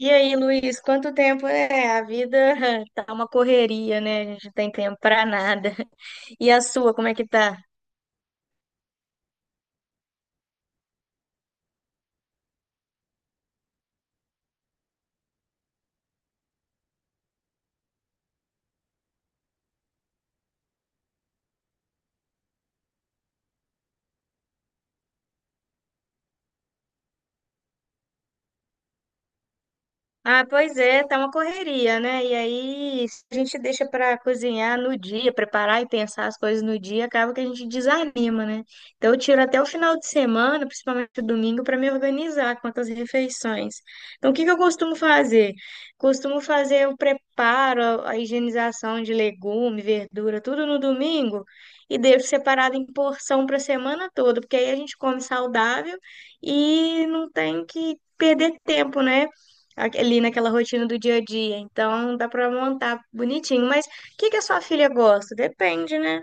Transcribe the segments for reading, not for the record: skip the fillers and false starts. E aí, Luiz, quanto tempo é? A vida tá uma correria, né? A gente não tem tempo pra nada. E a sua, como é que tá? Ah, pois é, tá uma correria, né? E aí, se a gente deixa para cozinhar no dia, preparar e pensar as coisas no dia, acaba que a gente desanima, né? Então, eu tiro até o final de semana, principalmente o domingo, para me organizar quanto às refeições. Então, o que que eu costumo fazer? Costumo fazer o preparo, a higienização de legume, verdura, tudo no domingo e deixo separado em porção para a semana toda, porque aí a gente come saudável e não tem que perder tempo, né? Ali naquela rotina do dia a dia. Então dá pra montar bonitinho. Mas o que que a sua filha gosta? Depende, né?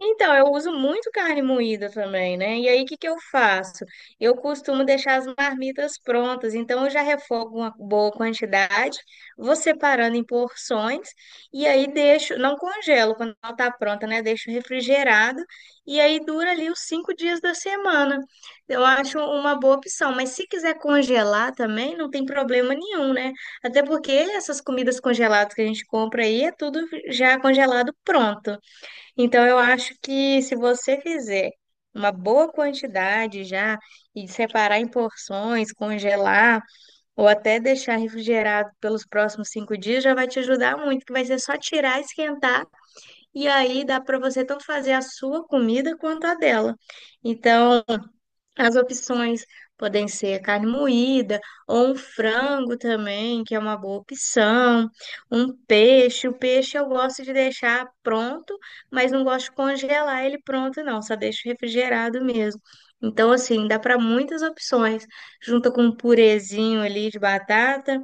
Então, eu uso muito carne moída também, né? E aí, o que que eu faço? Eu costumo deixar as marmitas prontas, então eu já refogo uma boa quantidade, vou separando em porções e aí deixo, não congelo quando ela tá pronta, né? Deixo refrigerado e aí dura ali os 5 dias da semana. Eu acho uma boa opção, mas se quiser congelar também, não tem problema nenhum, né? Até porque essas comidas congeladas que a gente compra aí é tudo já congelado pronto. Então, eu acho que se você fizer uma boa quantidade já e separar em porções, congelar ou até deixar refrigerado pelos próximos 5 dias, já vai te ajudar muito, que vai ser só tirar, esquentar e aí dá para você tanto fazer a sua comida quanto a dela. Então, as opções podem ser carne moída ou um frango também, que é uma boa opção. Um peixe. O peixe eu gosto de deixar pronto, mas não gosto de congelar ele pronto, não. Só deixo refrigerado mesmo. Então, assim, dá para muitas opções. Junta com um purezinho ali de batata.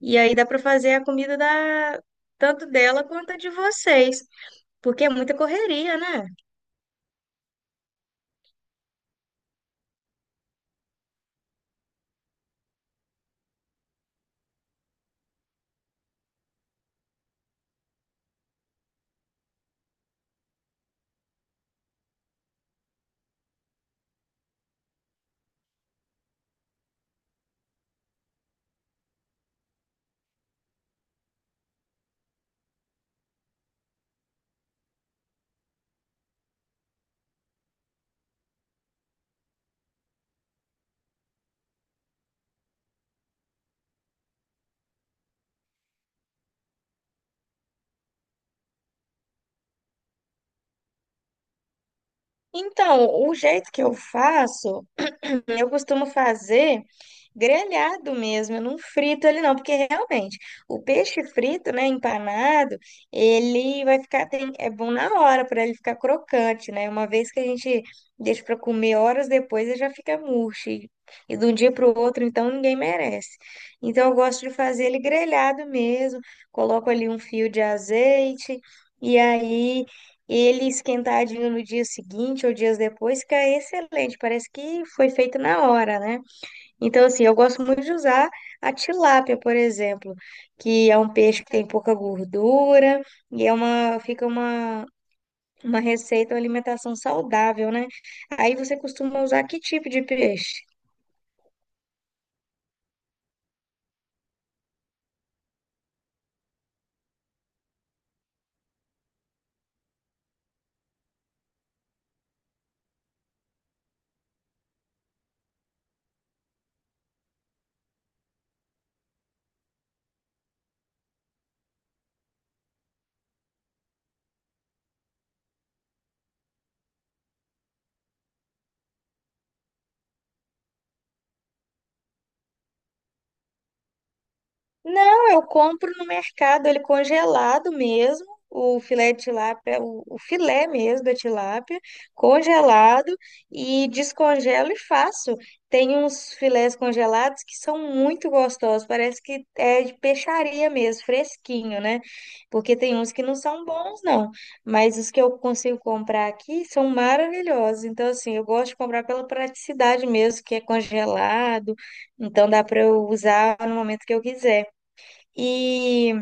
E aí dá para fazer a comida da... tanto dela quanto a de vocês. Porque é muita correria, né? Então, o jeito que eu faço, eu costumo fazer grelhado mesmo, eu não frito ele não, porque realmente o peixe frito, né, empanado, ele vai ficar, é bom na hora para ele ficar crocante, né? Uma vez que a gente deixa para comer horas depois, ele já fica murcho. E de um dia para o outro, então ninguém merece. Então eu gosto de fazer ele grelhado mesmo, coloco ali um fio de azeite. E aí ele esquentadinho no dia seguinte ou dias depois fica excelente, parece que foi feito na hora, né? Então, assim, eu gosto muito de usar a tilápia, por exemplo, que é um peixe que tem pouca gordura e é uma receita, uma alimentação saudável, né? Aí você costuma usar que tipo de peixe? Não, eu compro no mercado, ele congelado mesmo, o filé de tilápia, o filé mesmo da tilápia, congelado e descongelo e faço. Tem uns filés congelados que são muito gostosos, parece que é de peixaria mesmo, fresquinho, né? Porque tem uns que não são bons, não, mas os que eu consigo comprar aqui são maravilhosos. Então, assim, eu gosto de comprar pela praticidade mesmo, que é congelado, então dá para eu usar no momento que eu quiser. E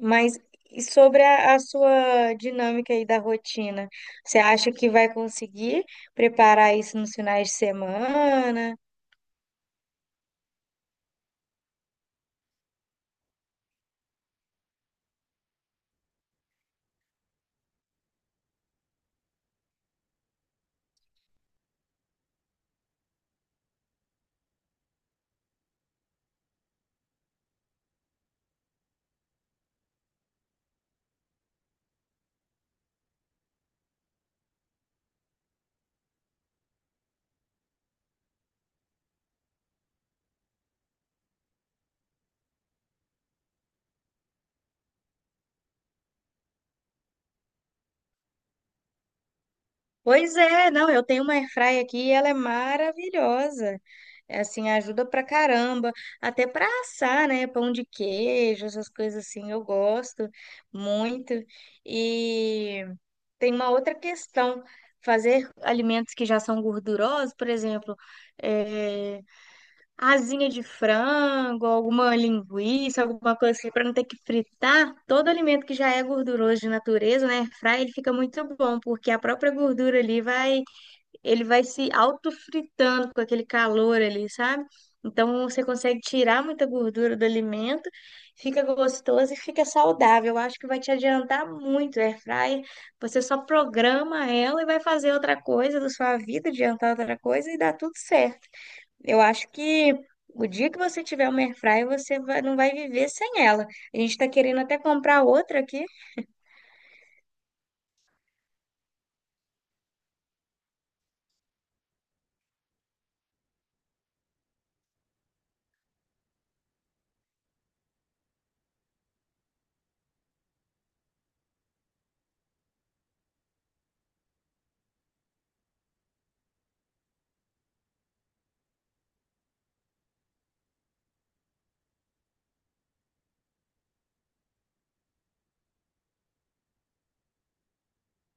mas e sobre a sua dinâmica aí da rotina, você acha que vai conseguir preparar isso nos finais de semana? Pois é, não, eu tenho uma airfryer aqui e ela é maravilhosa. É. Assim, ajuda pra caramba, até pra assar, né? Pão de queijo, essas coisas assim, eu gosto muito. E tem uma outra questão, fazer alimentos que já são gordurosos, por exemplo, eh, asinha de frango, alguma linguiça, alguma coisa assim, para não ter que fritar. Todo alimento que já é gorduroso de natureza, né, airfryer, ele fica muito bom, porque a própria gordura ali vai, ele vai se autofritando com aquele calor ali, sabe? Então você consegue tirar muita gordura do alimento, fica gostoso e fica saudável. Eu acho que vai te adiantar muito, airfryer. Você só programa ela e vai fazer outra coisa da sua vida, adiantar outra coisa e dá tudo certo. Eu acho que o dia que você tiver uma airfryer, você não vai viver sem ela. A gente está querendo até comprar outra aqui.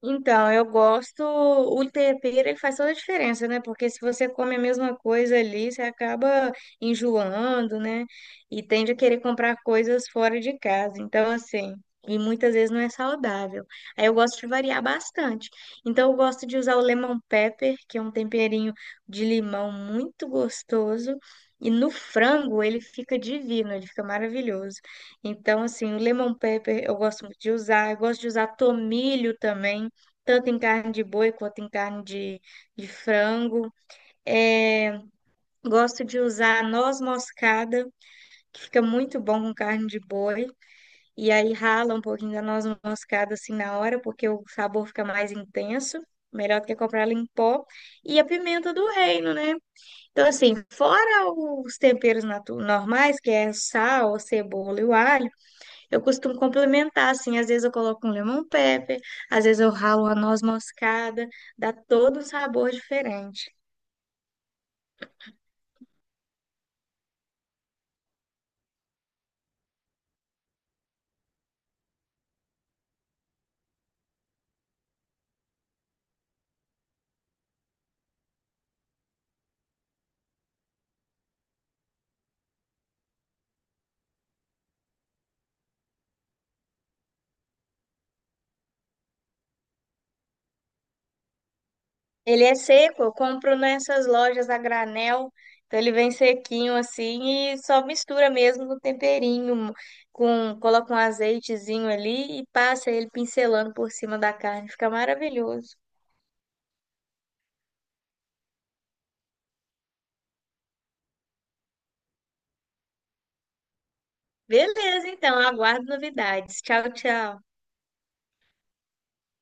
Então, eu gosto, o tempero ele faz toda a diferença, né? Porque se você come a mesma coisa ali, você acaba enjoando, né? E tende a querer comprar coisas fora de casa. Então, assim, e muitas vezes não é saudável. Aí eu gosto de variar bastante. Então, eu gosto de usar o lemon pepper, que é um temperinho de limão muito gostoso. E no frango ele fica divino, ele fica maravilhoso. Então, assim, o lemon pepper eu gosto muito de usar. Eu gosto de usar tomilho também tanto em carne de boi quanto em carne de frango. É, gosto de usar noz moscada, que fica muito bom com carne de boi. E aí rala um pouquinho da noz moscada assim na hora, porque o sabor fica mais intenso. Melhor do que comprar ela em pó. E a pimenta do reino, né? Então, assim, fora os temperos normais, que é sal, cebola e o alho, eu costumo complementar, assim, às vezes eu coloco um lemon pepper, às vezes eu ralo uma noz moscada, dá todo um sabor diferente. Ele é seco, eu compro nessas lojas a granel, então ele vem sequinho assim e só mistura mesmo no temperinho, com, coloca um azeitezinho ali e passa ele pincelando por cima da carne, fica maravilhoso. Beleza, então, aguardo novidades. Tchau, tchau.